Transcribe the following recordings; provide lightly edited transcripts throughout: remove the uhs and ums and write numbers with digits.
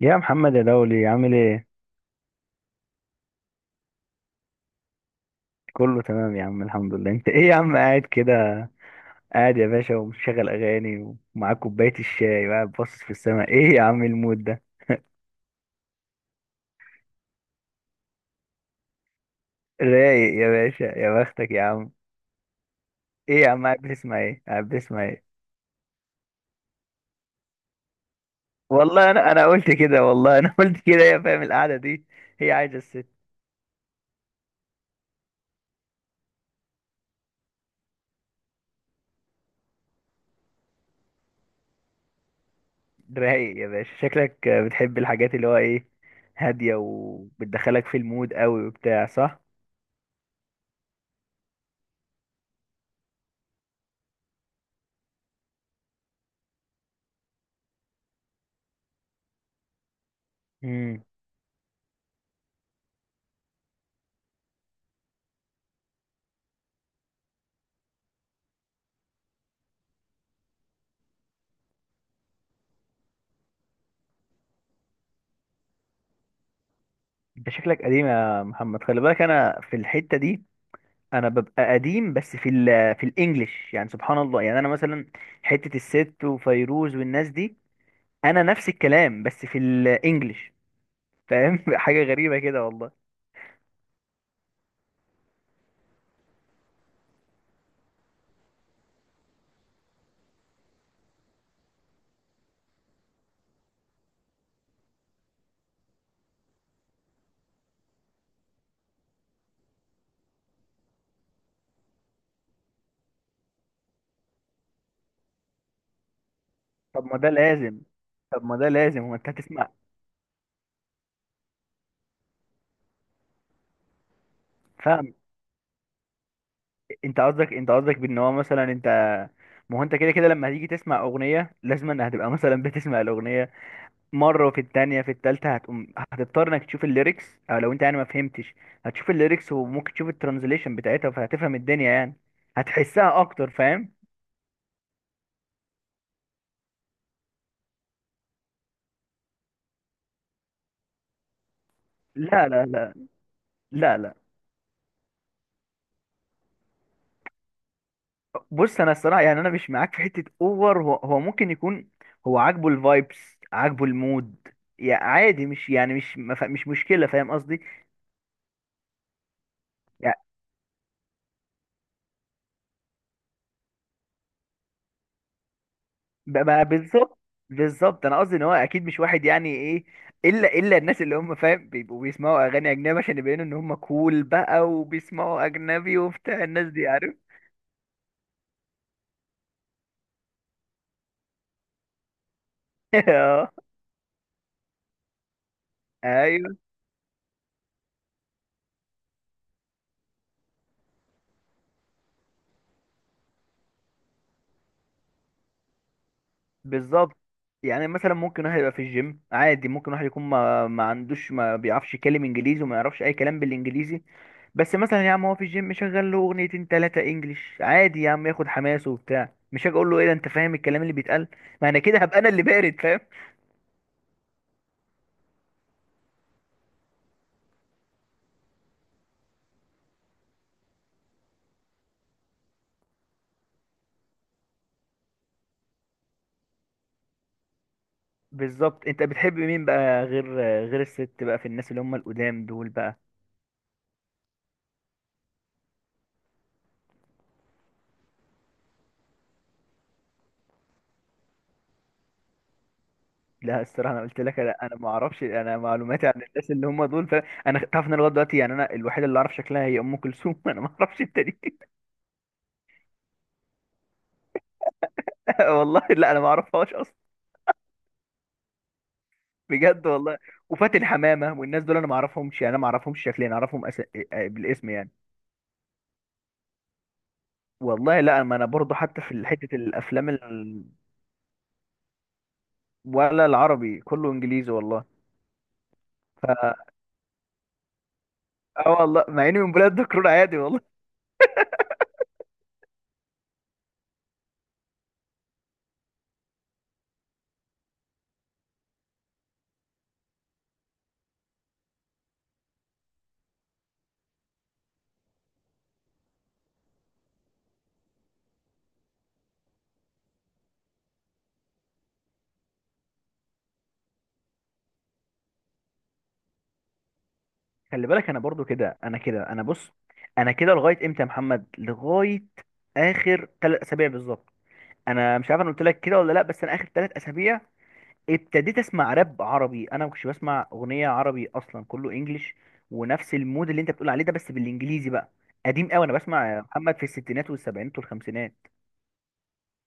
يا محمد يا دولي، عامل ايه؟ كله تمام يا عم، الحمد لله. انت ايه يا عم قاعد كده؟ قاعد يا باشا، ومشغل اغاني، ومعاك كوبايه الشاي، وقاعد باصص في السماء. ايه يا عم المود ده؟ رايق يا باشا، يا بختك يا عم. ايه يا عم؟ قاعد بتسمع ايه؟ والله انا قلت كده، والله انا قلت كده يا فاهم، القعده دي. هي عايزه الست. رايق يا باشا، شكلك بتحب الحاجات اللي هو ايه، هاديه وبتدخلك في المود قوي وبتاع، صح؟ انت شكلك قديم يا محمد. خلي بالك انا في الحته دي، انا ببقى قديم بس في الانجليش، يعني سبحان الله، يعني انا مثلا حته الست وفيروز والناس دي، انا نفس الكلام بس في الانجليش. فاهم؟ حاجه غريبه كده والله. طب ما ده لازم طب ما ده لازم. هو انت هتسمع. فاهم. انت قصدك بان هو مثلا انت، ما هو انت كده كده لما هتيجي تسمع اغنيه، لازم ان هتبقى مثلا بتسمع الاغنيه مره، وفي التانية في التالتة هتقوم، هتضطر انك تشوف الليركس. او لو انت يعني ما فهمتش، هتشوف الليركس، وممكن تشوف الترانزليشن بتاعتها، فهتفهم الدنيا يعني، هتحسها اكتر، فاهم؟ لا، لا، لا. لا، لا. بص، انا الصراحه يعني انا مش معاك في حته اوفر. هو ممكن يكون هو عاجبه الفايبس، عاجبه المود. يعني عادي، مش يعني مش ما ف- مش مشكله، فاهم قصدي؟ ما بالظبط. بالظبط، انا قصدي ان هو اكيد مش واحد يعني ايه، الا الناس اللي هم فاهم بيبقوا بيسمعوا اغاني اجنبي عشان يبينوا ان هم كول بقى، وبيسمعوا اجنبي وبتاع الناس دي، عارف؟ اه. ايوه. بالظبط، يعني مثلا ممكن واحد يبقى في الجيم عادي، ممكن واحد يكون ما عندوش، ما بيعرفش يتكلم انجليزي، وما يعرفش اي كلام بالانجليزي. بس مثلا يا عم هو في الجيم شغال له اغنيتين ثلاثه انجليش عادي، يا عم ياخد حماسه وبتاع، مش هاجي اقول له ايه ده انت فاهم الكلام اللي بيتقال، ما انا كده هبقى انا اللي بارد، فاهم؟ بالظبط. انت بتحب مين بقى غير الست بقى، في الناس اللي هم القدام دول بقى؟ لا الصراحه، انا قلت لك لا، انا ما اعرفش، انا معلوماتي عن الناس اللي هم دول، فانا تعرف ان انا لغايه دلوقتي يعني انا الوحيد اللي اعرف شكلها هي ام كلثوم، انا ما اعرفش التاني. والله لا، انا ما اعرفهاش اصلا. بجد والله. وفاتن حمامه والنس دول انا ما اعرفهمش، يعني انا ما اعرفهمش شكليا، انا اعرفهم آه، بالاسم يعني. والله لا، ما انا برضو حتى في حته الافلام ولا العربي، كله انجليزي والله. ف اه والله، مع اني من بلاد دكرور عادي والله. خلي بالك انا برضو كده، انا بص، انا كده لغايه امتى يا محمد؟ لغايه اخر 3 اسابيع بالظبط. انا مش عارف انا قلت لك كده ولا لا، بس انا اخر 3 اسابيع ابتديت اسمع راب عربي. انا ما كنتش بسمع اغنيه عربي اصلا، كله انجليش. ونفس المود اللي انت بتقول عليه ده بس بالانجليزي بقى، قديم قوي. انا بسمع يا محمد في الستينات والسبعينات والخمسينات.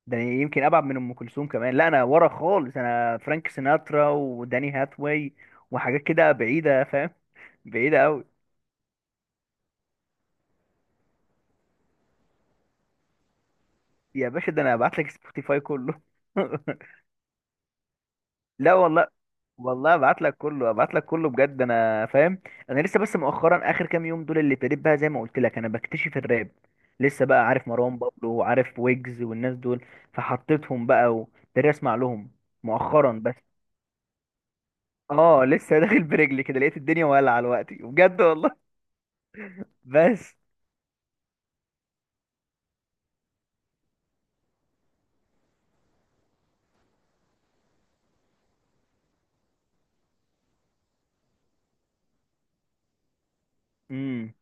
ده أنا يمكن ابعد من ام كلثوم كمان، لا انا ورا خالص، انا فرانك سيناترا وداني هاثواي وحاجات كده بعيده، فاهم؟ بعيده قوي. يا باشا ده انا هبعت لك سبوتيفاي كله. لا والله. والله ابعت لك كله، ابعت لك كله بجد، انا فاهم. انا لسه بس مؤخرا، اخر كام يوم دول اللي ابتديت بقى، زي ما قلت لك انا بكتشف الراب لسه بقى، عارف مروان بابلو، وعارف ويجز والناس دول، فحطيتهم بقى وابتديت اسمع لهم مؤخرا بس. اه لسه داخل برجلي كده، لقيت الدنيا ولعه دلوقتي بجد والله. بس. امم.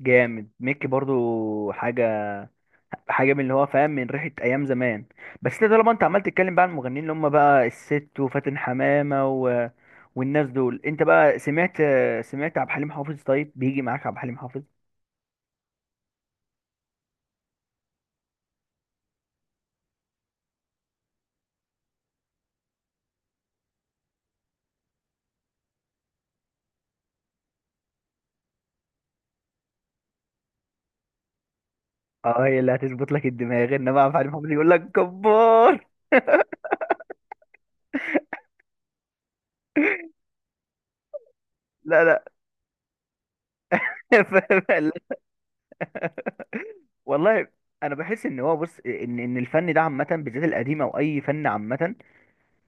جامد ميكي برضو، حاجه، حاجه من اللي هو، فاهم، من ريحه ايام زمان. بس انت طالما انت عمال تتكلم بقى عن المغنيين اللي هم بقى الست وفاتن حمامه والناس دول، انت بقى سمعت عبد الحليم حافظ؟ طيب، بيجي معاك عبد الحليم حافظ؟ اه، هي اللي هتظبط لك الدماغ، انما عبد الحليم حافظ يقول لك كبار. لا، لا. فاهم؟ لا. والله. انا بحس ان هو، بص، ان الفن ده عامه، بالذات القديم، او اي فن عامه،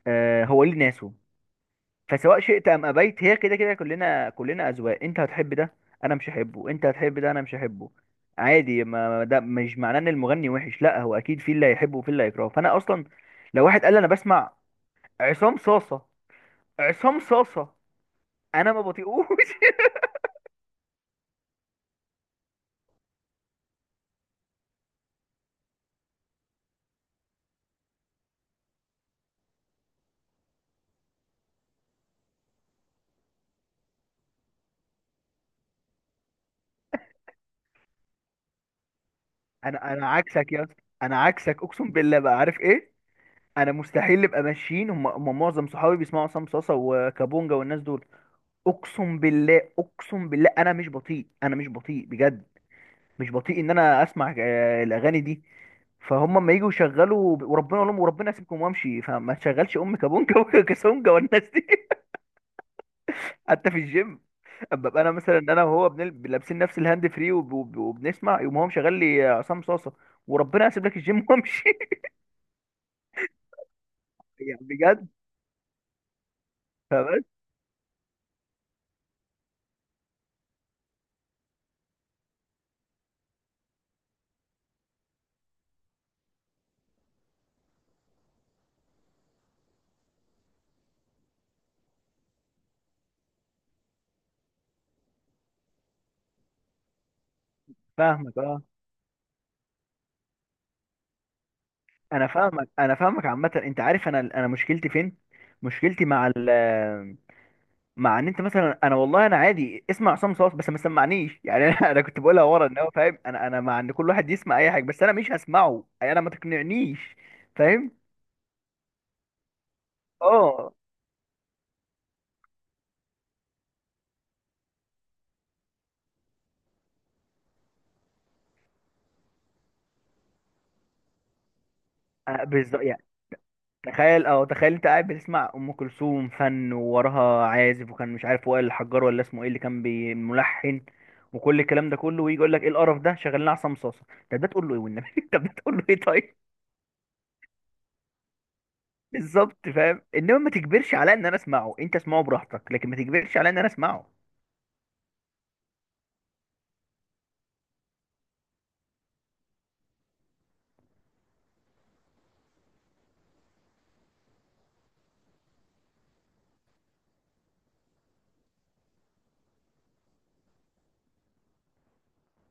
آه، هو ليه ناسه. فسواء شئت ام ابيت، هي كده كده، كلنا اذواق. انت هتحب ده انا مش هحبه، انت هتحب ده انا مش هحبه، عادي. ما ده مش معناه ان المغني وحش، لا هو اكيد في اللي هيحبه وفي اللي هيكرهه. فانا اصلا لو واحد قال لي انا بسمع عصام صاصه، عصام صاصه، انا ما بطيقوش. انا عكسك يا اسطى، انا عكسك اقسم بالله بقى، عارف ايه؟ انا مستحيل نبقى ماشيين، هم معظم صحابي بيسمعوا عصام صاصه وكابونجا والناس دول. اقسم بالله، اقسم بالله انا مش بطيء، انا مش بطيء بجد، مش بطيء ان انا اسمع، آه، الاغاني دي. فهم اما يجوا يشغلوا، وربنا اقول لهم وربنا يسيبكم وامشي، فما تشغلش ام كابونجا وكاسونجا والناس دي. حتى في الجيم، اما ابقى انا مثلا انا وهو لابسين نفس الهاند فري وبنسمع، يقوم هو مشغل لي عصام صاصه، وربنا يسيب لك الجيم وامشي. يعني بجد. فبس. فاهمك، اه. انا فاهمك، انا فاهمك عامه، انت عارف انا مشكلتي فين، مشكلتي مع ان انت مثلا، انا والله انا عادي اسمع عصام صاص بس ما سمعنيش، يعني انا كنت بقولها ورا ان هو فاهم، انا مع ان كل واحد يسمع اي حاجه، بس انا مش هسمعه، يعني انا ما تقنعنيش، فاهم؟ اه. أنا بالظبط يعني، تخيل انت قاعد بتسمع ام كلثوم، فن، ووراها عازف، وكان مش عارف، وائل الحجار ولا اسمه ايه اللي كان ملحن، وكل الكلام ده كله، ويجي يقول لك ايه القرف ده شغال لنا عصام صاصه؟ طب ده تقول له ايه والنبي؟ طب ده تقول له ايه طيب؟ بالظبط، فاهم، انما ما تجبرش على ان انا اسمعه، انت اسمعه براحتك، لكن ما تجبرش على ان انا اسمعه.